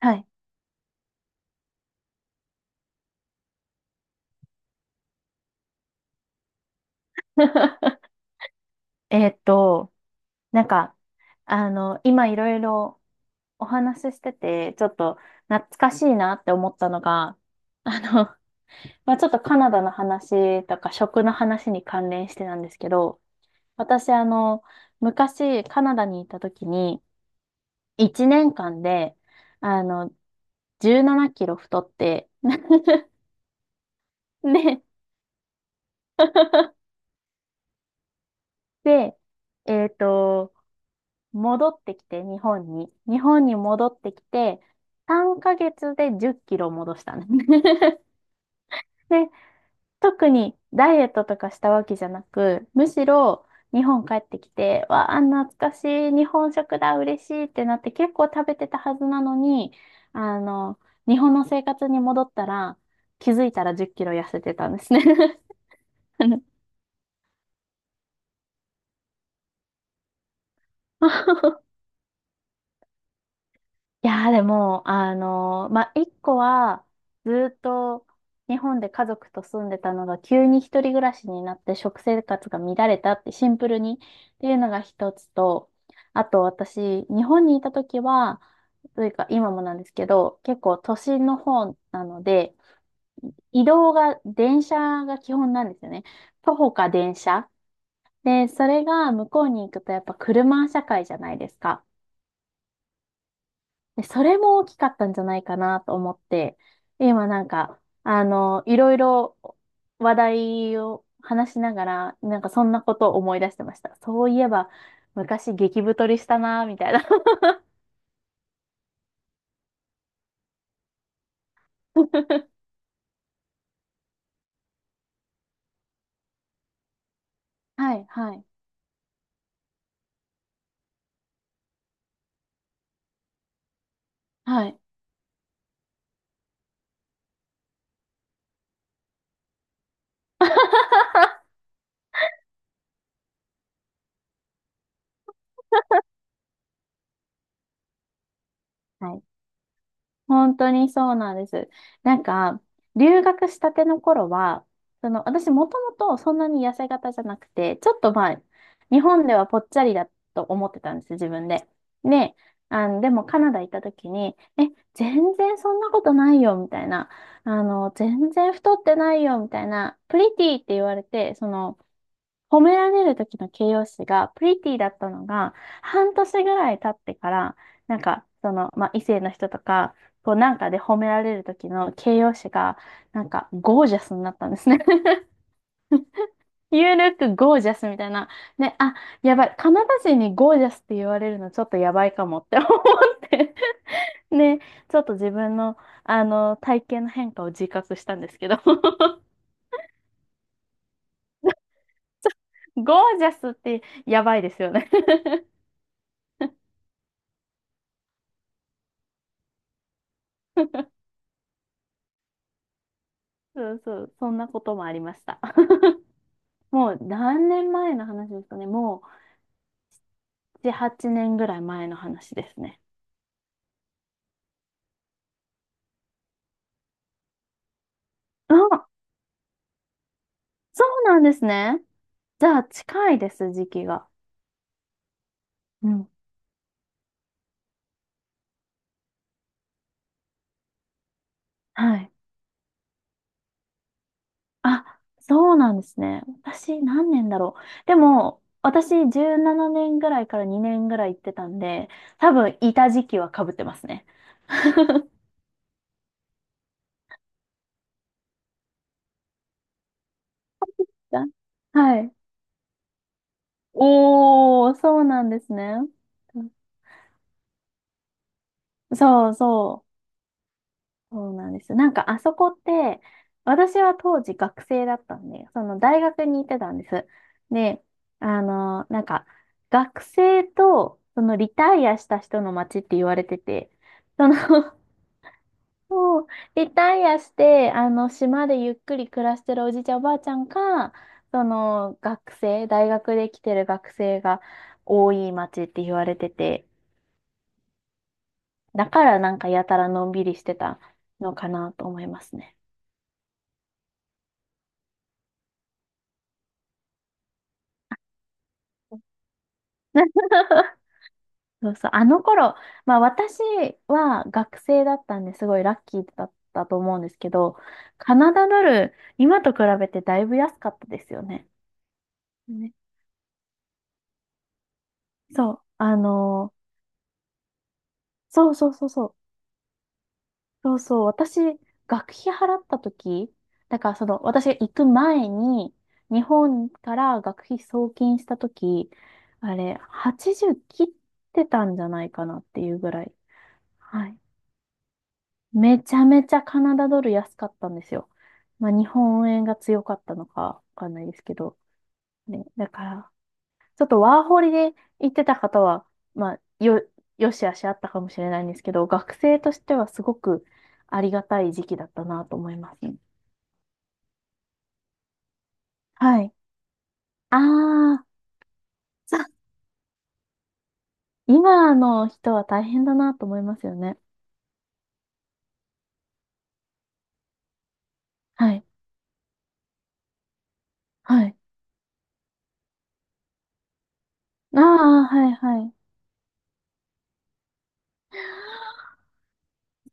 はい。えーっと、なんか、今いろいろお話ししてて、ちょっと懐かしいなって思ったのが、あの、まあ、ちょっとカナダの話とか食の話に関連してなんですけど、私、昔カナダにいた時に、1年間で、あの、17キロ太って、で、で、えーっと、戻ってきて、日本に。日本に戻ってきて、3ヶ月で10キロ戻したね。で、特にダイエットとかしたわけじゃなく、むしろ日本帰ってきて、わあ、懐かしい、日本食だ、嬉しいってなって結構食べてたはずなのに、あの、日本の生活に戻ったら、気づいたら10キロ痩せてたんですね。あの いやーでも、まあ、一個は、ずーっと日本で家族と住んでたのが、急に一人暮らしになって食生活が乱れたってシンプルにっていうのが一つと、あと私、日本にいた時は、というか今もなんですけど、結構都心の方なので、移動が電車が基本なんですよね。徒歩か電車。で、それが向こうに行くとやっぱ車社会じゃないですか。で、それも大きかったんじゃないかなと思って、今なんか、いろいろ話題を話しながら、なんかそんなことを思い出してました。そういえば、昔激太りしたな、みたいな。はい、はい、はい。はい。本当にそうなんです。なんか、留学したての頃は、その、私もともとそんなに痩せ型じゃなくて、ちょっとまあ、日本ではぽっちゃりだと思ってたんです、自分で。で、でもカナダ行った時に、え、全然そんなことないよ、みたいな。全然太ってないよ、みたいな。プリティって言われて、その、褒められる時の形容詞がプリティだったのが、半年ぐらい経ってから、なんか、その、まあ、異性の人とか、こうなんかで褒められる時の形容詞が、なんか、ゴージャスになったんですね。You look gorgeous みたいな。ね、あ、やばい。カナダ人にゴージャスって言われるのちょっとやばいかもって思って。ね、ちょっと自分の、体型の変化を自覚したんですけど。ゴージャスってやばいですよね。そうそう、そんなこともありました。もう何年前の話ですかね。もう7、8年ぐらい前の話ですね。あ、そうなんですね。じゃあ近いです、時期が。うん。はい。あ、そうなんですね。私何年だろう。でも、私17年ぐらいから2年ぐらい行ってたんで、多分いた時期は被ってますね。だはい。おー、そうなんですね。そうそう。そうなんです。なんかあそこって、私は当時学生だったんで、その大学に行ってたんです。で、なんか学生とそのリタイアした人の街って言われてて、その そうリタイアして、島でゆっくり暮らしてるおじいちゃんおばあちゃんか、その学生、大学で来てる学生が多い街って言われてて、だからなんかやたらのんびりしてたのかなと思いますね。そうそう、あの頃、まあ私は学生だったんですごいラッキーだったと思うんですけど、カナダドル、今と比べてだいぶ安かったですよね。ね。そう、そうそうそうそう、そうそう、私、学費払った時、だからその、私が行く前に、日本から学費送金した時、あれ、80切ってたんじゃないかなっていうぐらい。はい。めちゃめちゃカナダドル安かったんですよ。まあ、日本円が強かったのかわかんないですけど。ね、だから、ちょっとワーホリで行ってた方は、まあ、よしあしあったかもしれないんですけど、学生としてはすごくありがたい時期だったなと思いますね。はい。ああ、さ今の人は大変だなと思いますよね。はい。はい。ああ、はい、はい。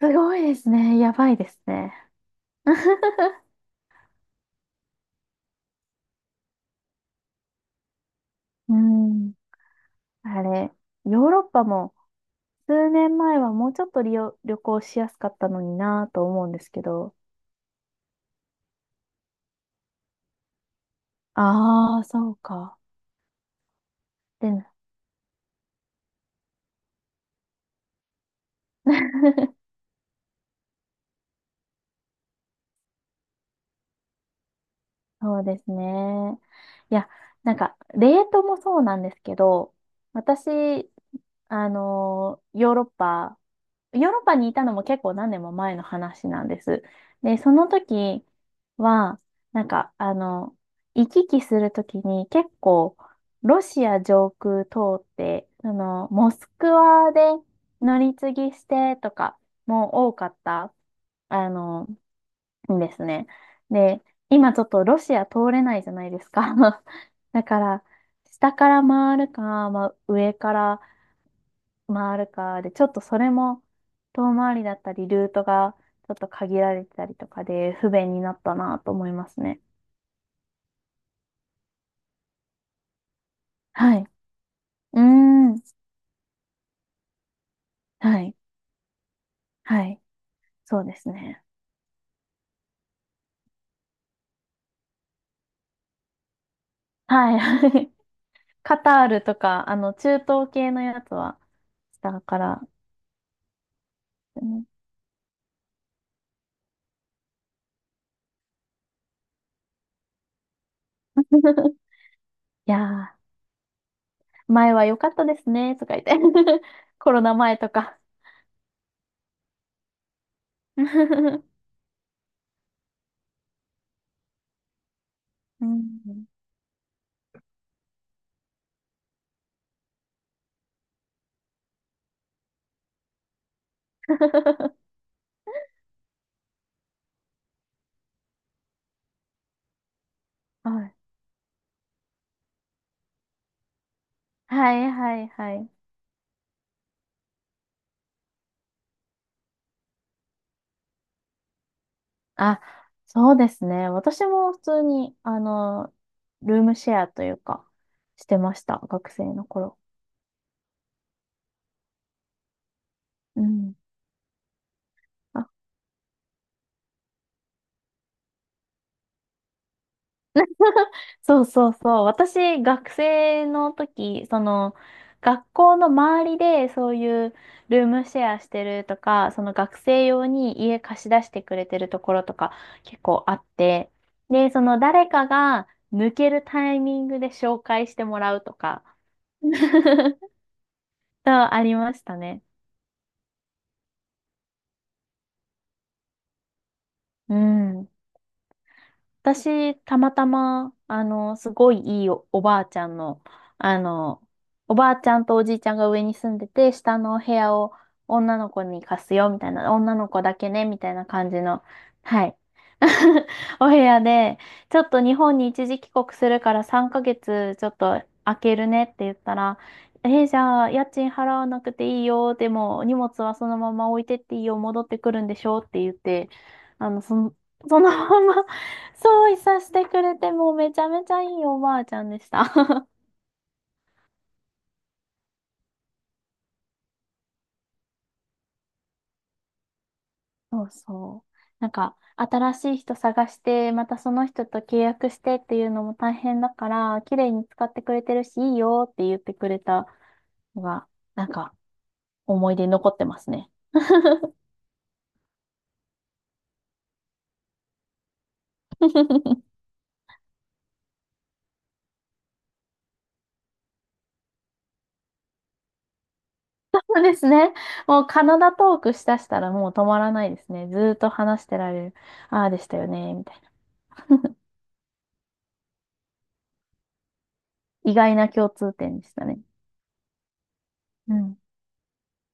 すごいですね。やばいですね。うん。あれ、ヨーロッパも数年前はもうちょっと旅行しやすかったのになぁと思うんですけど。ああ、そうか。で、そうですね。いや、なんか、レートもそうなんですけど、私、あのーヨーロッパヨーロッパにいたのも結構何年も前の話なんです。で、その時は、なんか、行き来する時に結構、ロシア上空通って、モスクワで乗り継ぎしてとかも多かった、あの、んですね。で、今ちょっとロシア通れないじゃないですか。だから、下から回るか、まあ、上から回るかで、ちょっとそれも遠回りだったり、ルートがちょっと限られてたりとかで不便になったなと思いますね。はい。うーん。はい。はい。そうですね。はい。カタールとか、中東系のやつはしたから。うん いやー、前は良かったですね、とか言って。コロナ前とか。うん はい。はい、はい、はい。あ、そうですね。私も普通に、ルームシェアというか、してました。学生の頃。うん。あ、そうそうそう。私、学生の時、その、学校の周りで、そういうルームシェアしてるとか、その学生用に家貸し出してくれてるところとか、結構あって、で、その誰かが抜けるタイミングで紹介してもらうとか、そうありましたね。うん。私、たまたま、すごいいいおばあちゃんの、あの、おばあちゃんとおじいちゃんが上に住んでて、下のお部屋を女の子に貸すよ、みたいな、女の子だけね、みたいな感じの、はい。お部屋で、ちょっと日本に一時帰国するから3ヶ月ちょっと空けるねって言ったら、えーじゃあ家賃払わなくていいよ、でも荷物はそのまま置いてっていいよ、戻ってくるんでしょって言って、あの、その、そのままそう、いさしてくれて、もうめちゃめちゃいいおばあちゃんでした。そうそう。なんか、新しい人探して、またその人と契約してっていうのも大変だから、綺麗に使ってくれてるし、いいよって言ってくれたのが、なんか、思い出に残ってますね。そうですね。もうカナダトークしだしたらもう止まらないですね。ずーっと話してられる。ああでしたよね、みたいな。意外な共通点でしたね。うん